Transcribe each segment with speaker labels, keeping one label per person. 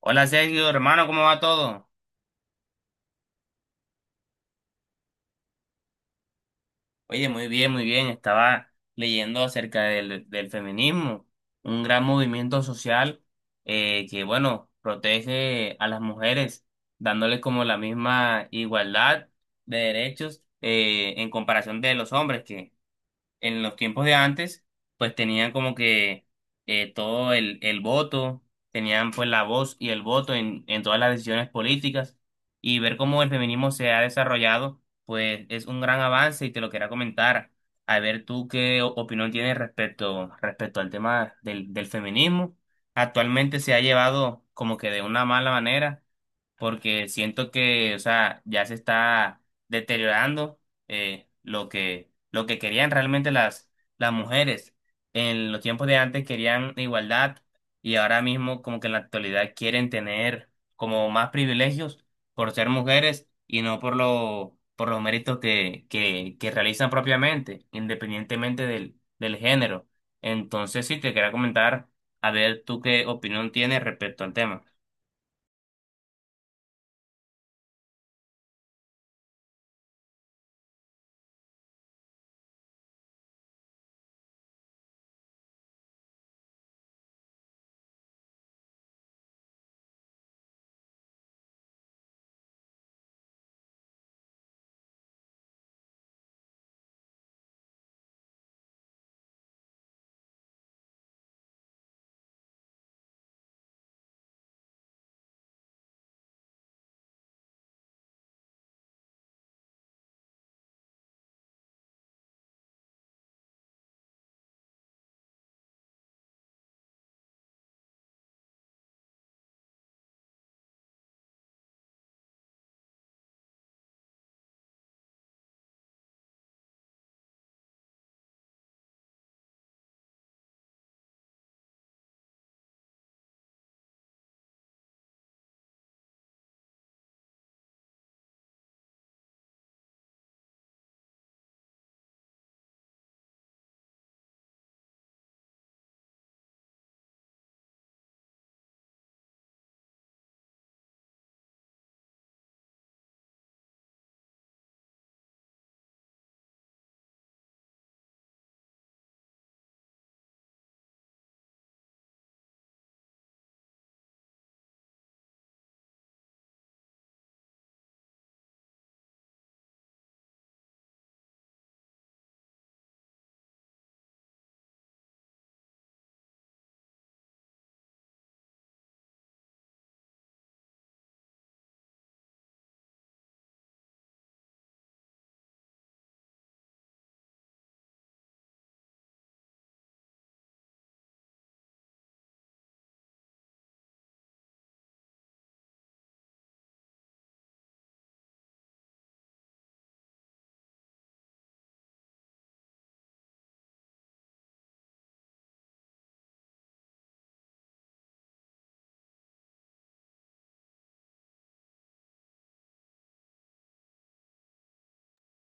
Speaker 1: Hola Sergio, hermano, ¿cómo va todo? Oye, muy bien, muy bien. Estaba leyendo acerca del feminismo, un gran movimiento social que, bueno, protege a las mujeres, dándoles como la misma igualdad de derechos, en comparación de los hombres, que en los tiempos de antes, pues tenían como que todo el voto, tenían pues la voz y el voto en todas las decisiones políticas y ver cómo el feminismo se ha desarrollado, pues es un gran avance y te lo quería comentar. A ver tú qué opinión tienes respecto al tema del feminismo. Actualmente se ha llevado como que de una mala manera porque siento que, o sea, ya se está deteriorando, eh, lo que lo que querían realmente las mujeres. En los tiempos de antes querían igualdad y ahora mismo como que en la actualidad quieren tener como más privilegios por ser mujeres y no por por los méritos que realizan propiamente, independientemente del género. Entonces sí, te quería comentar, a ver tú qué opinión tienes respecto al tema.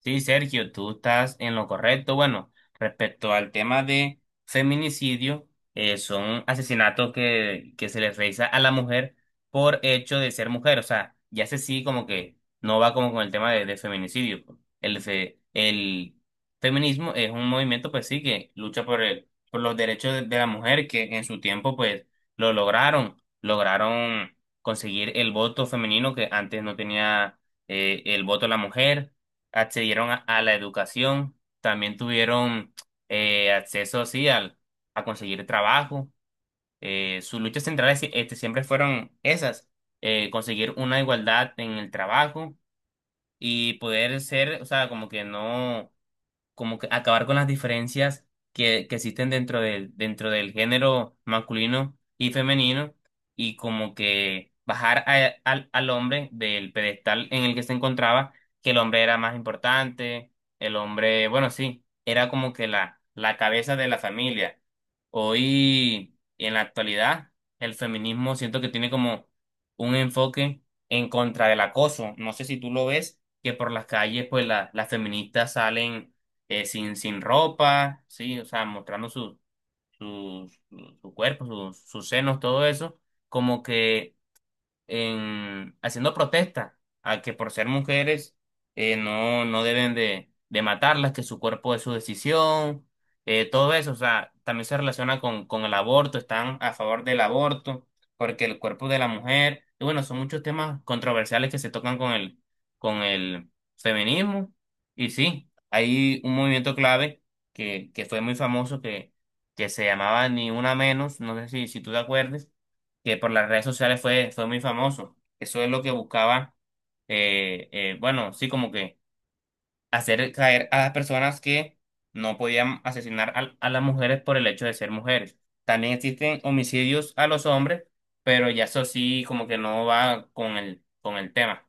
Speaker 1: Sí, Sergio, tú estás en lo correcto. Bueno, respecto al tema de feminicidio, son asesinatos que se les realiza a la mujer por hecho de ser mujer. O sea, ya sé sí, como que no va como con el tema de feminicidio. El feminismo es un movimiento, pues sí, que lucha por los derechos de la mujer, que en su tiempo, pues, lo lograron. Lograron conseguir el voto femenino que antes no tenía, el voto la mujer, accedieron a la educación, también tuvieron acceso sí, al, a conseguir trabajo. Sus luchas centrales, este, siempre fueron esas, conseguir una igualdad en el trabajo y poder ser, o sea, como que no, como que acabar con las diferencias que existen dentro del género masculino y femenino, y como que bajar al hombre del pedestal en el que se encontraba, que el hombre era más importante, el hombre, bueno, sí, era como que la cabeza de la familia. Hoy, en la actualidad, el feminismo siento que tiene como un enfoque en contra del acoso. No sé si tú lo ves, que por las calles, pues las feministas salen sin ropa, sí, o sea, mostrando su cuerpo, sus senos, todo eso, como que en, haciendo protesta a que por ser mujeres, no deben de matarlas, que su cuerpo es su decisión, todo eso, o sea, también se relaciona con el aborto, están a favor del aborto, porque el cuerpo de la mujer, y bueno, son muchos temas controversiales que se tocan con el feminismo, y sí, hay un movimiento clave que fue muy famoso que se llamaba Ni Una Menos, no sé si tú te acuerdes, que por las redes sociales fue muy famoso. Eso es lo que buscaba, bueno, sí, como que hacer caer a las personas que no podían asesinar las mujeres por el hecho de ser mujeres. También existen homicidios a los hombres, pero ya eso sí, como que no va con el tema.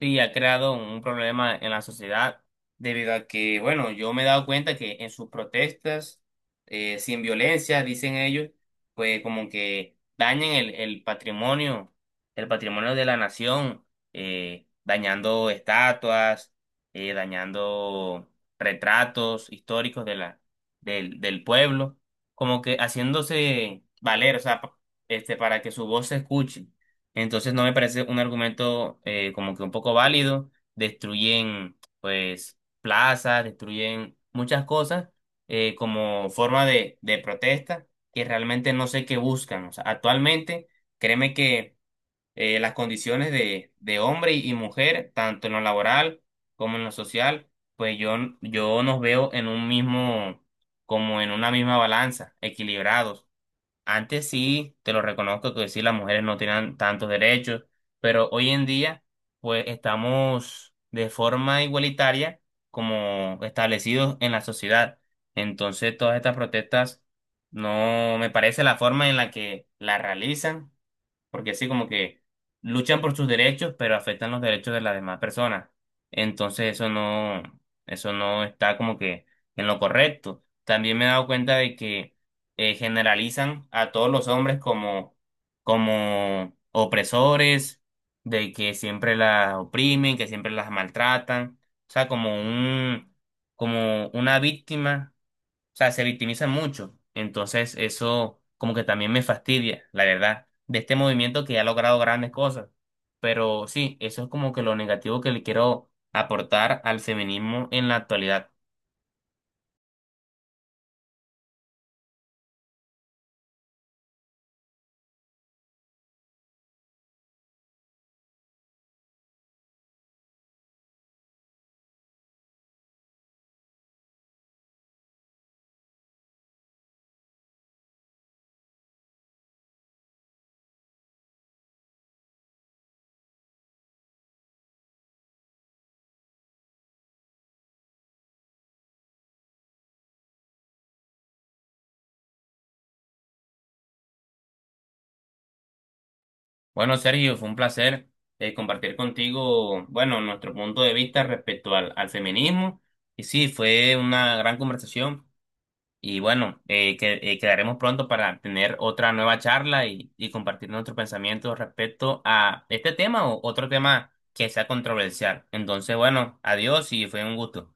Speaker 1: Sí, ha creado un problema en la sociedad debido a que, bueno, yo me he dado cuenta que en sus protestas, sin violencia, dicen ellos, pues como que dañan el patrimonio de la nación, dañando estatuas, dañando retratos históricos de la, del pueblo, como que haciéndose valer, o sea, este, para que su voz se escuche. Entonces no me parece un argumento, como que un poco válido. Destruyen pues plazas, destruyen muchas cosas, como forma de protesta, que realmente no sé qué buscan. O sea, actualmente créeme que, las condiciones de hombre y mujer, tanto en lo laboral como en lo social, pues yo nos veo en un mismo, como en una misma balanza, equilibrados. Antes sí, te lo reconozco que sí, las mujeres no tenían tantos derechos, pero hoy en día, pues estamos de forma igualitaria, como establecidos en la sociedad. Entonces, todas estas protestas, no me parece la forma en la que las realizan, porque así como que luchan por sus derechos, pero afectan los derechos de las demás personas. Entonces eso no está como que en lo correcto. También me he dado cuenta de que, generalizan a todos los hombres como, como opresores, de que siempre las oprimen, que siempre las maltratan, o sea, como un, como una víctima, o sea, se victimizan mucho. Entonces, eso como que también me fastidia, la verdad, de este movimiento que ha logrado grandes cosas. Pero sí, eso es como que lo negativo que le quiero aportar al feminismo en la actualidad. Bueno, Sergio, fue un placer compartir contigo, bueno, nuestro punto de vista respecto al feminismo. Y sí, fue una gran conversación. Y bueno, quedaremos pronto para tener otra nueva charla y compartir nuestros pensamientos respecto a este tema o otro tema que sea controversial. Entonces, bueno, adiós y fue un gusto.